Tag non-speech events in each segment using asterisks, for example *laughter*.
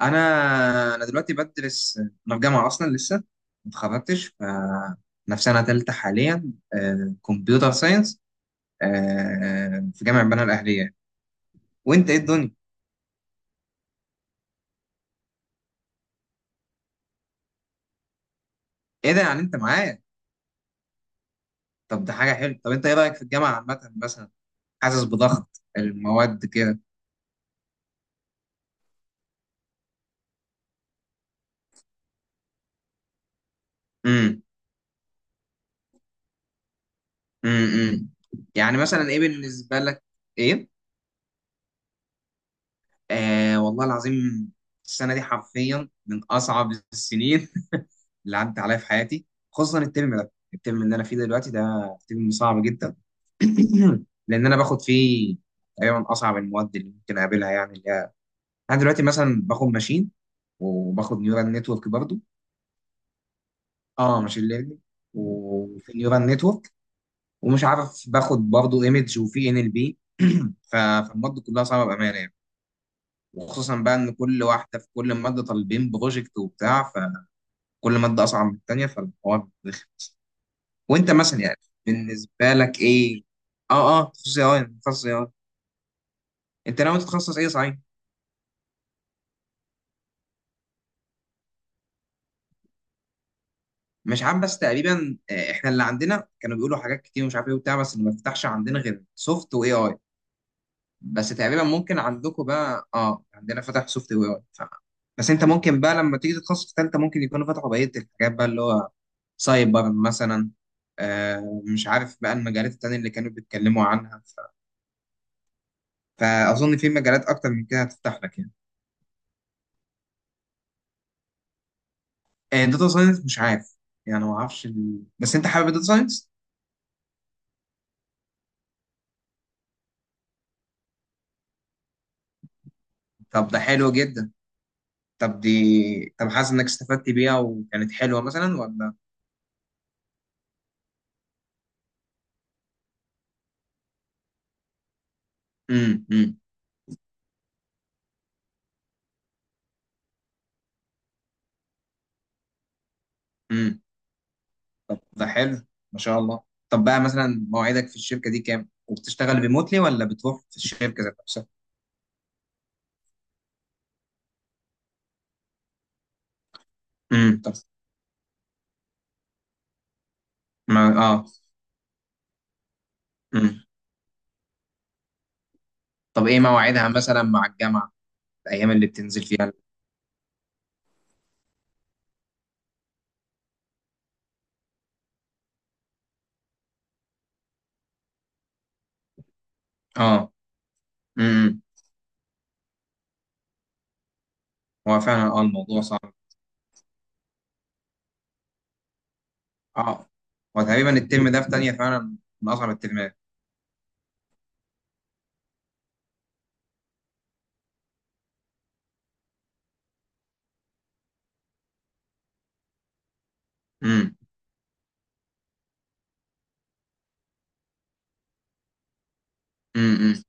انا دلوقتي بدرس، انا في جامعه اصلا لسه ما اتخرجتش. ف انا في سنه ثالثه حاليا، كمبيوتر ساينس، في جامعه بنها الاهليه. وانت ايه الدنيا؟ ايه ده يعني انت معايا؟ طب ده حاجه حلوه. طب انت ايه رايك في الجامعه عامه مثلا؟ حاسس بضغط المواد كده؟ امم امم، يعني مثلا ايه بالنسبه لك؟ ايه؟ آه والله العظيم، السنه دي حرفيا من اصعب السنين *laughs* اللي عدت عليا في حياتي. خصوصا الترم ده، الترم اللي انا فيه دلوقتي ده، ترم صعب جدا. *clears throat* لان انا باخد فيه تقريبا اصعب المواد اللي ممكن اقابلها، يعني اللي هي، انا دلوقتي مثلا باخد ماشين وباخد نيورال نتورك برضو. اه، ماشين ليرنينج، وفي نيورال نتورك، ومش عارف باخد برضو ايمج، وفي ان ال بي. فالمواد كلها صعبه بامانه يعني، وخصوصا بقى ان كل واحده، في كل ماده طالبين بروجكت وبتاع، فكل ماده اصعب من التانيه، فالحوار. وانت مثلا يعني، بالنسبه لك ايه؟ اه تخصص اي اي. انت ناوي تتخصص ايه صحيح؟ مش عارف، بس تقريبا، احنا اللي عندنا كانوا بيقولوا حاجات كتير، ومش عارف ايه وبتاع، بس اللي ما فتحش عندنا غير سوفت واي اي. بس تقريبا ممكن عندكم بقى، اه عندنا فتح سوفت واي اي بس انت ممكن بقى لما تيجي تتخصص في ثالثه، ممكن يكونوا فتحوا بقيه الحاجات بقى، اللي هو سايبر مثلا، آه مش عارف بقى المجالات التانية اللي كانوا بيتكلموا عنها، فاظن في مجالات اكتر من كده هتفتح لك يعني. داتا ساينس؟ مش عارف، يعني ما اعرفش بس انت حابب الداتا ساينس؟ طب ده حلو جدا. طب دي، طب حاسس انك استفدت بيها وكانت حلوه مثلا ولا؟ امم امم امم، ده حلو، ما شاء الله. طب بقى مثلا مواعيدك في الشركه دي كام؟ وبتشتغل ريموتلي ولا بتروح في الشركه ذات نفسها؟ امم، طب، ما... اه، امم، طب ايه مواعيدها مثلا مع الجامعه؟ الايام اللي بتنزل فيها؟ اه، امم، هو فعلا اه الموضوع صعب. اه، هو تقريبا الترم ده في تانية فعلا من اصعب الترمات. امم. امم.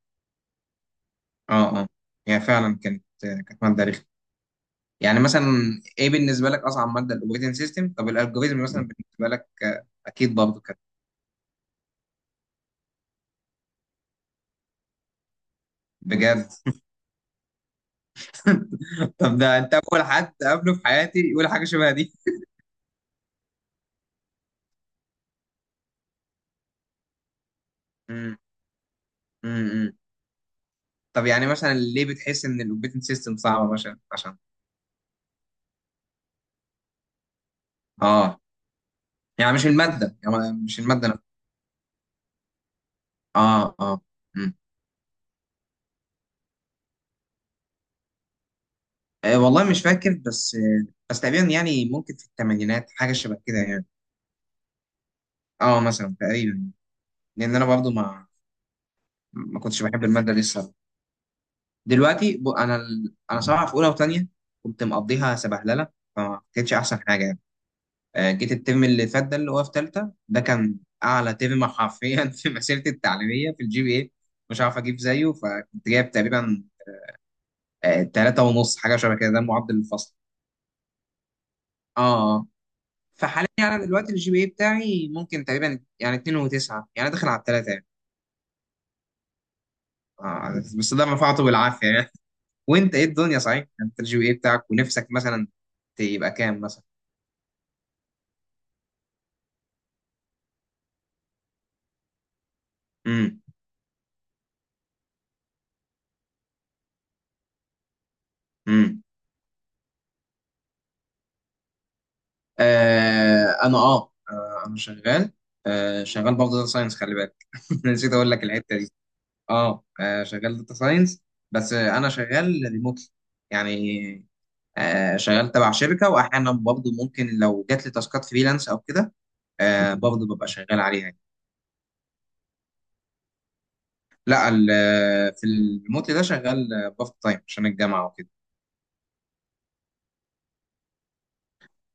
اه، اه، يعني فعلا كانت ماده رخمه، يعني مثلا ايه بالنسبه لك اصعب ماده، الاوبريتنج سيستم؟ طب الالجوريزم مثلا بالنسبه لك اكيد برضه كانت. بجد؟ *laughs* طب ده انت اول حد قابله في حياتي يقول حاجه شبه دي. امم. امم. طب يعني مثلا ليه بتحس ان الاوبريتنج سيستم صعبه مثلا؟ عشان؟ اه، يعني مش الماده، يعني مش الماده نفسها؟ اه، اه. امم. والله مش فاكر، بس بس تقريبا يعني ممكن في الـ80ات، حاجه شبه كده يعني. اه مثلا تقريبا. لان انا برضه ما كنتش بحب المادة دي الصراحة. أنا صراحة في أولى وتانية كنت مقضيها سبهللة، فما كانتش أحسن حاجة يعني. جيت الترم اللي فات ده، اللي هو في تالتة، ده كان أعلى ترم حرفيا *laughs* في مسيرتي التعليمية في الجي بي إيه. مش عارف أجيب زيه. فكنت جايب تقريبا 3.5، حاجة شبه كده، ده معدل الفصل. آه. آه. فحاليا أنا دلوقتي الجي بي إيه بتاعي ممكن تقريبا يعني 2.9، يعني داخل على التلاتة يعني. آه، بس ده رفعته بالعافية يعني. وانت ايه الدنيا صحيح؟ انت الجي بي اي بتاعك ونفسك مثلا تبقى كام مثلا؟ امم. امم. آه انا، اه انا شغال. آه شغال برضه داتا ساينس، خلي بالك، *laughs* نسيت اقول لك الحته دي. اه شغال داتا ساينس، بس انا شغال ريموتلي يعني. آه شغال تبع شركه، واحيانا برضه ممكن لو جات لي تاسكات فريلانس او كده، آه برضه ببقى شغال عليها يعني. لا في الريموتلي ده شغال بارت تايم عشان الجامعه وكده.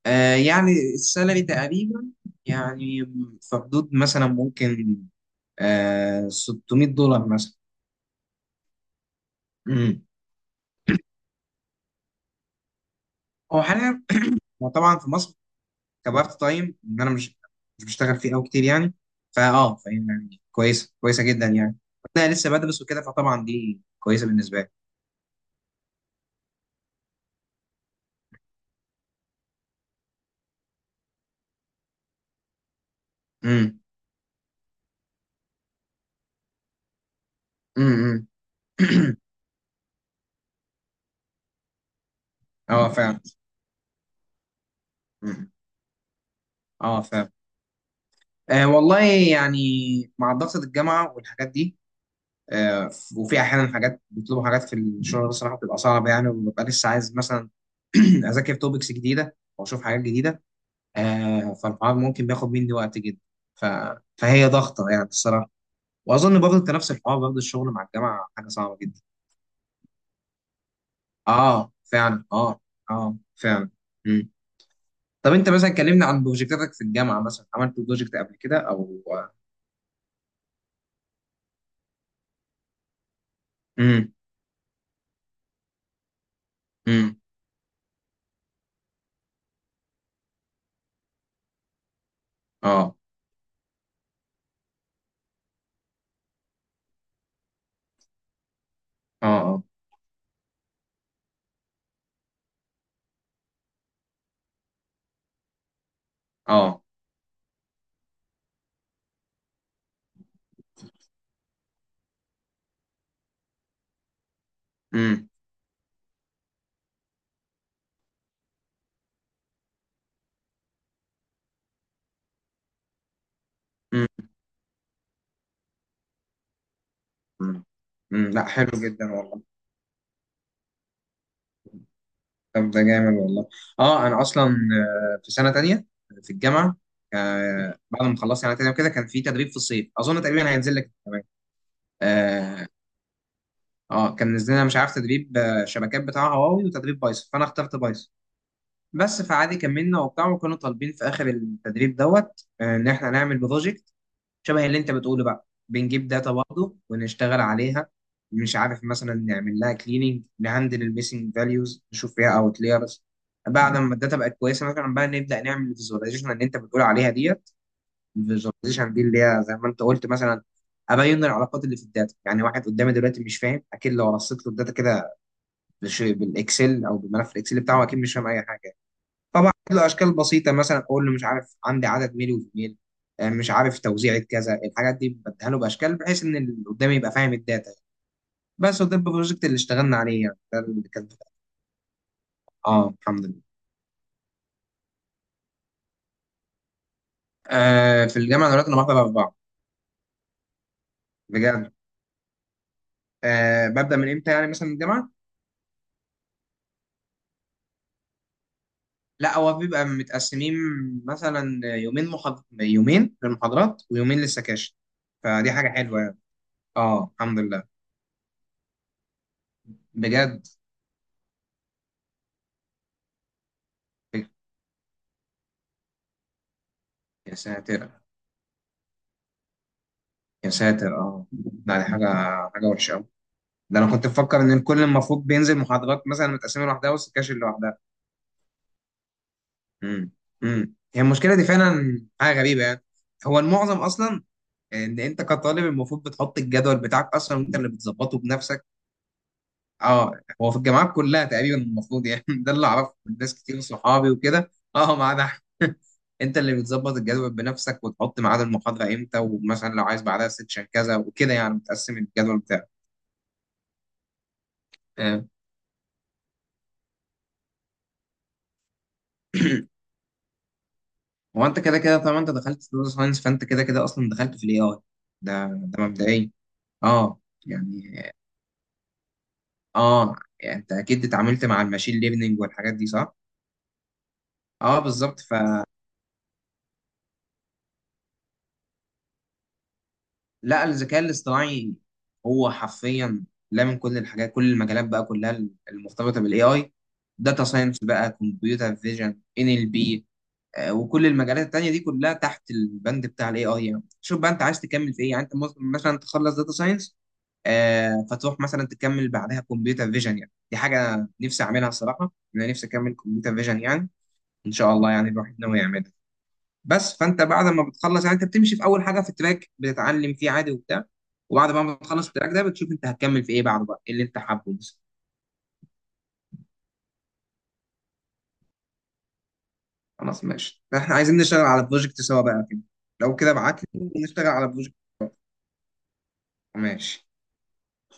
آه يعني السالري تقريبا، يعني في حدود مثلا ممكن آه 600 دولار مثلا. امم. هو حاليا، هو طبعا في مصر كبارت تايم، ان انا مش بشتغل فيه قوي كتير يعني، فاهم يعني، كويسه كويسه جدا يعني. انا لسه بدرس وكده، فطبعا دي كويسه بالنسبه لي. امم. امم. *clears throat* اه فعلا. مم. اه فعلا. آه والله يعني مع ضغط الجامعه والحاجات دي، آه، وفي احيانا حاجات بيطلبوا حاجات في الشغل بصراحه بتبقى صعبه يعني، وببقى لسه عايز مثلا *clears throat* اذاكر توبكس جديده او اشوف حاجات جديده. فالحوار ممكن بياخد مني وقت جدا. ف... فهي ضغطه يعني الصراحه، واظن برضه انت نفس الحوار برضه، الشغل مع الجامعه حاجه صعبه جدا. اه فعلا، اه. اه فعلا. مم. طب انت مثلا كلمنا عن بروجكتاتك في الجامعه، مثلا عملت بروجكت قبل كده او؟ امم. امم. اه. اه. اه. اه. امم. امم. لا حلو جدا والله. طب ده جامد والله. اه انا اصلا في سنه تانية في الجامعه، بعد ما خلصت سنه تانية وكده كان في تدريب في الصيف، اظن تقريبا هينزل لك كمان. اه كان نزل لنا، مش عارف تدريب شبكات بتاع هواوي، وتدريب بايثون، فانا اخترت بايثون. بس فعادي كملنا وبتاع، وكانوا طالبين في اخر التدريب دوت ان احنا نعمل بروجكت شبه اللي انت بتقوله بقى، بنجيب داتا برضه ونشتغل عليها. مش عارف مثلا نعمل لها كليننج، نهندل الميسنج فاليوز، نشوف فيها اوتلايرز. بعد ما الداتا بقت كويسه مثلا، بقى نبدا نعمل الفيزواليزيشن اللي انت بتقول عليها ديت. الفيزواليزيشن دي اللي هي زي ما انت قلت مثلا، ابين العلاقات اللي في الداتا يعني. واحد قدامي دلوقتي مش فاهم، اكيد لو رصيت له الداتا كده بالاكسل او بالملف الاكسل بتاعه، اكيد مش فاهم اي حاجه. طبعا له اشكال بسيطه مثلا اقول له، مش عارف عندي عدد ميل وفيميل، مش عارف توزيعة كذا، الحاجات دي بديها له باشكال، بحيث ان اللي قدامي يبقى فاهم الداتا يعني. بس، وده البروجكت اللي اشتغلنا عليه يعني، ده اللي كان. اه الحمد لله. آه في الجامعه دلوقتي انا بحضر اربعه. بجد؟ آه ببدا من امتى يعني مثلا الجامعه؟ لا هو بيبقى متقسمين، مثلا يومين يومين للمحاضرات ويومين للسكاشن، فدي حاجه حلوه يعني. اه الحمد لله. بجد؟ يا ساتر، يا ساتر اه. لا دي حاجة، حاجة وحشة أوي. ده أنا كنت بفكر إن الكل المفروض بينزل محاضرات مثلا متقسمة لوحدها والسكاشن لوحدها. امم. امم. هي المشكلة دي فعلا حاجة غريبة يعني. هو المعظم أصلا، إن أنت كطالب المفروض بتحط الجدول بتاعك أصلا، وأنت اللي بتظبطه بنفسك. أه. هو في الجامعات كلها تقريبا المفروض يعني، *laughs* ده اللي أعرفه من ناس كتير صحابي وكده. أه، ما عدا أحمد. *laughs* أنت اللي بتظبط الجدول بنفسك، وتحط ميعاد المحاضرة إمتى، ومثلا لو عايز بعدها سيكشن كذا وكده، يعني بتقسم الجدول بتاعك. آه. *clears throat* هو انت كده كده طالما انت دخلت داتا ساينس، فانت كده كده اصلا دخلت في الاي اي. ده مبدئيا. اه يعني. اه، يعني انت اكيد اتعاملت مع الماشين ليرنينج والحاجات دي صح؟ اه بالظبط فلا. الذكاء الاصطناعي هو حرفيا، لا من كل الحاجات، كل المجالات بقى كلها المرتبطه بالاي اي. داتا ساينس بقى، كمبيوتر فيجن، ان ال بي، وكل المجالات التانية دي كلها تحت البند بتاع الاي اي يعني. شوف بقى انت عايز تكمل في ايه يعني. انت ممكن مثلا تخلص داتا ساينس فتروح مثلا تكمل بعدها كمبيوتر فيجن يعني، دي حاجة أنا نفسي أعملها الصراحة، أنا نفسي أكمل كمبيوتر فيجن يعني. إن شاء الله يعني الواحد ناوي يعملها. بس فأنت بعد ما بتخلص يعني، أنت بتمشي في أول حاجة في التراك بتتعلم فيه عادي وبتاع، وبعد ما بتخلص التراك ده بتشوف أنت هتكمل في إيه بعده بقى، إيه اللي أنت حابه بس. خلاص ماشي، إحنا عايزين نشتغل على بروجكت سوا بقى كده. لو كده ابعت لي نشتغل على بروجكت. ماشي.